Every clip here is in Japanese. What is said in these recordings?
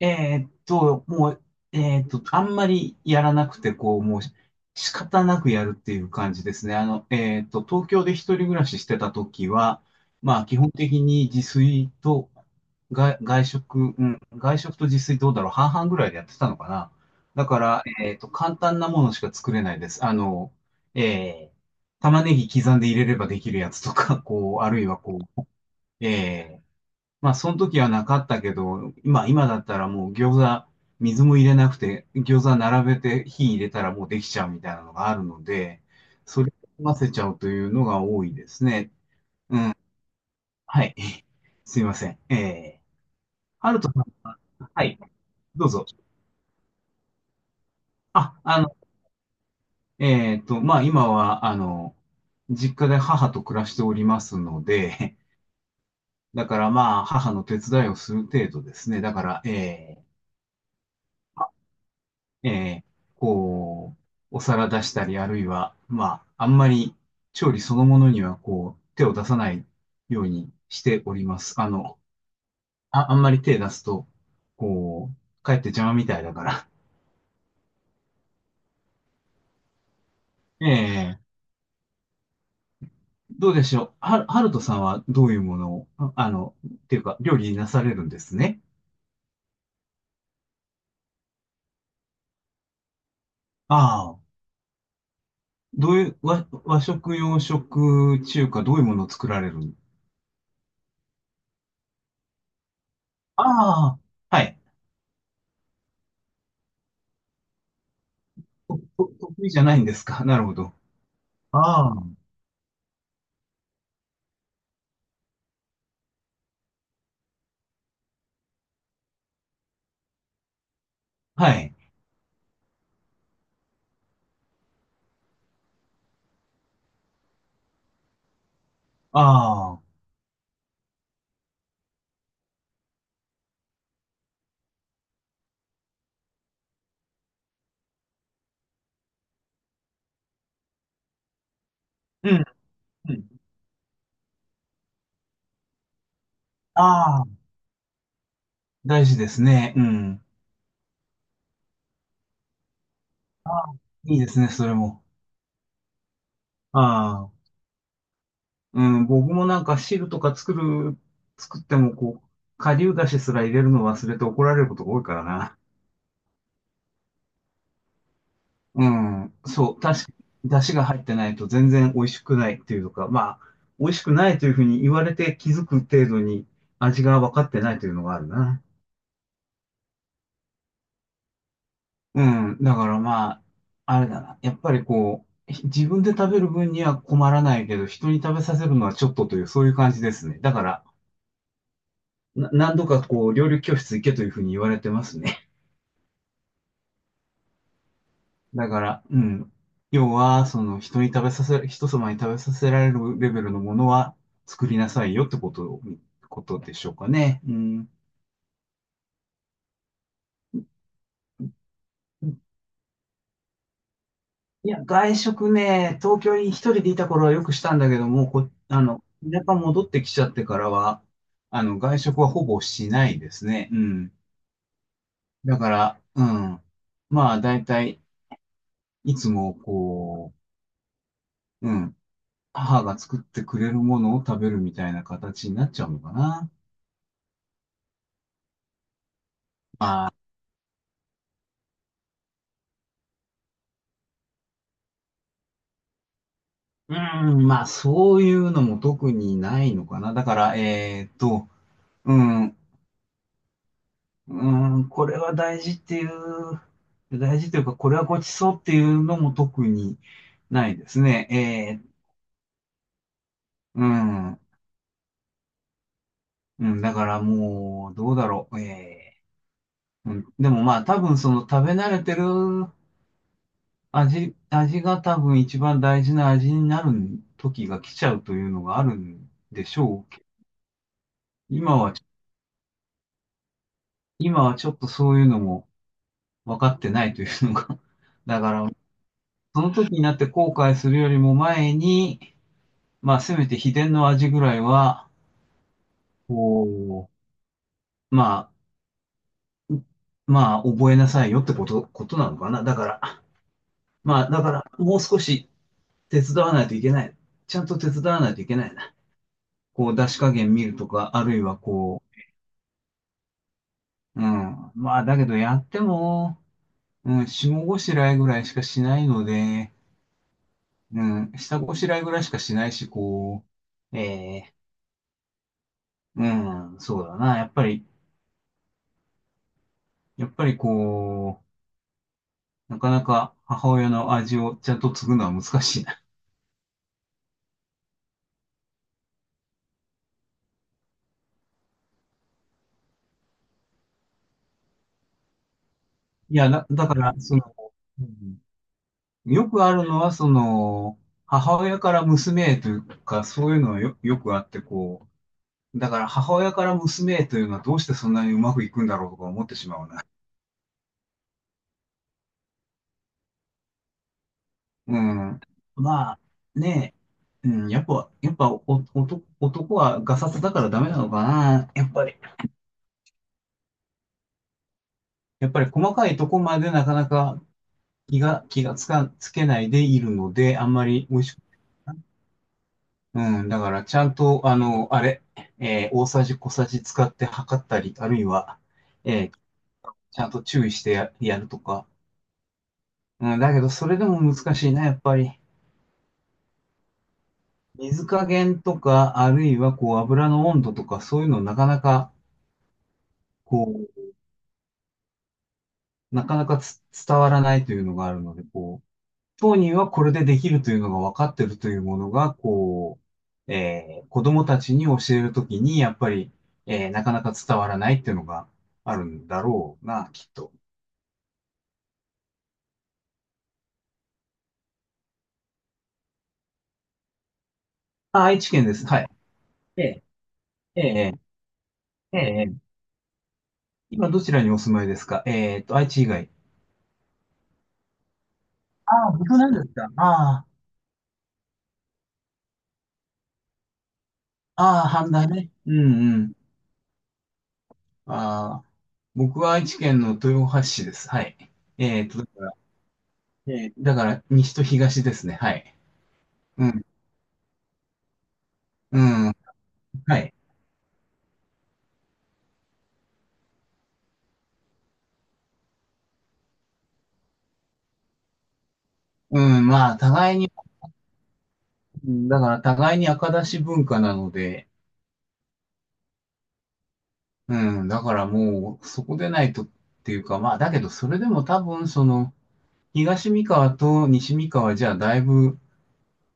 えーっと、もう、えーっと、あんまりやらなくて、こう、もうし仕方なくやるっていう感じですね。東京で一人暮らししてた時は、まあ、基本的に自炊と外食、うん、外食と自炊どうだろう、半々ぐらいでやってたのかな。だから、えーっと、簡単なものしか作れないです。玉ねぎ刻んで入れればできるやつとか、あるいはえーその時はなかったけど、今だったらもう餃子、水も入れなくて、餃子並べて火入れたらもうできちゃうみたいなのがあるので、それを混ぜちゃうというのが多いですね。はい。すいません。ハルトさんは、はい、どうぞ。あ、あの、まあ、今は、実家で母と暮らしておりますので、だからまあ、母の手伝いをする程度ですね。だから、えーえーこう、お皿出したり、あるいは、まあ、あんまり調理そのものには、こう、手を出さないようにしております。あんまり手出すと、こう、かえって邪魔みたいだから。ええ。どうでしょう。はるとさんはどういうものを、っていうか、料理なされるんですね。ああ、どういう、和食、洋食、中華、どういうものを作られる。ああ、はい。得意じゃないんですか。なるほど。ああ。はい。ああ。うん、うん。ああ、大事ですね。うん。ああ、いいですね、それも。ああ。うん、僕もなんか汁とか作ってもこう、顆粒だしすら入れるの忘れて怒られることが多いからな。うん。そう、確かに、だしが入ってないと全然美味しくないっていうか、まあ、美味しくないというふうに言われて気づく程度に味が分かってないというのがあるな。うん。だからまあ、あれだな。やっぱりこう、自分で食べる分には困らないけど、人に食べさせるのはちょっとという、そういう感じですね。だから、何度かこう、料理教室行けというふうに言われてますね。だから、うん。要は、その、人様に食べさせられるレベルのものは作りなさいよってこと、ことでしょうかね。うん。いや、外食ね、東京に一人でいた頃はよくしたんだけども、こ、あの、田舎戻ってきちゃってからは、あの、外食はほぼしないですね。うん。だから、うん。まあ、だいたい、いつも、うん。母が作ってくれるものを食べるみたいな形になっちゃうのかな。うん、まあ、そういうのも特にないのかな。だから、えーっと、うん。うーん、これは大事っていう、大事というか、これはごちそうっていうのも特にないですね。うん、うん、だからもう、どうだろう。でもまあ、多分その食べ慣れてる味が多分一番大事な味になる時が来ちゃうというのがあるんでしょうけど。今は、今はちょっとそういうのも分かってないというのが。だから、その時になって後悔するよりも前に、まあ、せめて秘伝の味ぐらいは、こうまあ、まあ、覚えなさいよってこと、ことなのかな。だから、まあ、だから、もう少し手伝わないといけない。ちゃんと手伝わないといけないな。こう、出し加減見るとか、あるいはこう、うん。まあ、だけどやっても、うん、下ごしらえぐらいしかしないので、うん、下ごしらえぐらいしかしないし、う、ええうん、そうだな。やっぱりこなかなか母親の味をちゃんと継ぐのは難しいな。いや、だから、その、うんよくあるのは、その、母親から娘へというか、そういうのはよ、よくあって、だから母親から娘へというのはどうしてそんなにうまくいくんだろうとか思ってしまうな。うん。まあ、ねえ、うん、やっぱお、男はガサツだからダメなのかな。やっぱり、やっぱり細かいとこまでなかなか気がつか、つけないでいるので、あんまり美味しく、うん、だからちゃんと、あの、あれ、えー大さじ小さじ使って測ったり、あるいは、えーちゃんと注意してやるとか。うん、だけど、それでも難しいな、やっぱり。水加減とか、あるいは、こう、油の温度とか、そういうのなかなか、こう、なかなか伝わらないというのがあるので、こう、当人はこれでできるというのが分かってるというものが、子供たちに教えるときに、やっぱり、なかなか伝わらないっていうのがあるんだろうな、きっと。愛知県です。はい。ええ、ええ、ええ、今どちらにお住まいですか？えーっと、愛知以外。ああ、僕なんですか？ああ、ああ、半田ね。うんうん。ああ、僕は愛知県の豊橋市です。はい。だから、だから西と東ですね。はい。うん、うん、はい。うん、まあ、互いに、だから互いに赤出し文化なので、うん、だからもう、そこでないとっていうか、まあ、だけど、それでも多分、その、東三河と西三河じゃ、だいぶ、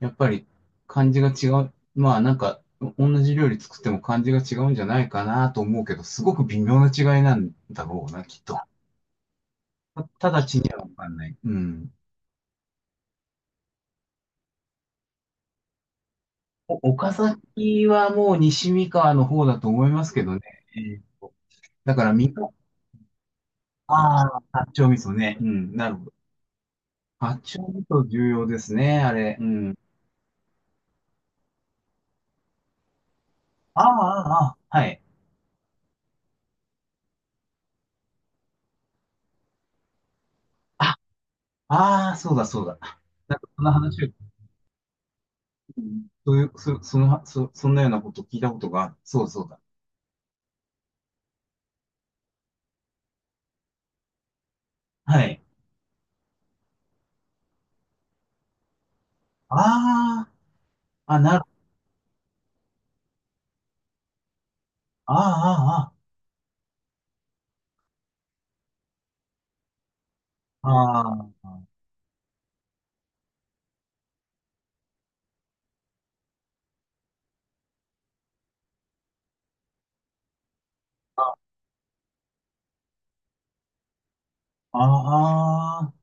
やっぱり、感じが違う。まあ、なんか、同じ料理作っても感じが違うんじゃないかなと思うけど、すごく微妙な違いなんだろうな、きっと。直ちにはわかんない。うん。お岡崎はもう西三河の方だと思いますけどね。えーとだから三河ああ、八丁味噌ね。うん、なるほど。八丁味噌重要ですね、あれ。うん。ああ、ああ、ああはい。あ、ああ、そうだ、そうだ。なんか、その話を、うんそういう、そんなようなこと聞いたことがある。そう、そうだ。はい。ああ、ああ、ああ、ああ、ああ、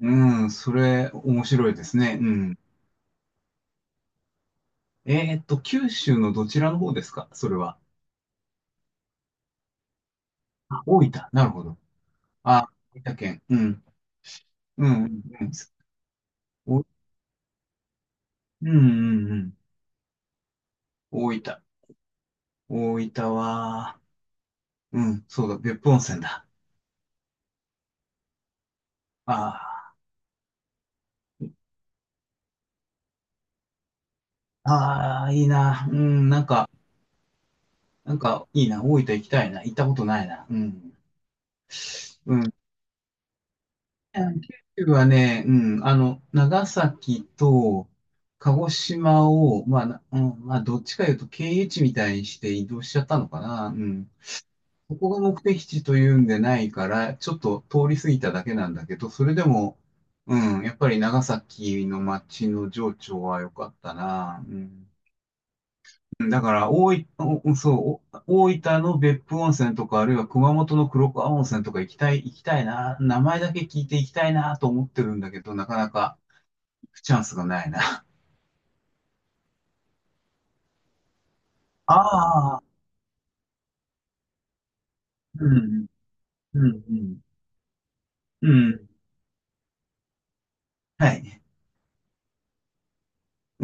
うん、それ、面白いですね。うん。えーっと、九州のどちらの方ですか？それは。あ、大分。なるほど。あ、大分県。うん。うん、うん、うん。うんうんうん。大分。大分は、うん、そうだ、別府温泉だ。ああ、ああ、いいな。うん、なんか、なんか、いいな。大分行きたいな。行ったことないな。うん。うん。九州はね、うん、あの、長崎と鹿児島を、まあ、なうん、まあ、どっちかいうと経由地みたいにして移動しちゃったのかな。うん。ここが目的地というんでないから、ちょっと通り過ぎただけなんだけど、それでも、うん、やっぱり長崎の街の情緒は良かったな。うん。だから、大分、おそう、お大分の別府温泉とか、あるいは熊本の黒川温泉とか行きたいな。名前だけ聞いて行きたいなと思ってるんだけど、なかなか行くチャンスがないな。ああ、うん、うん、うん、うん。はい。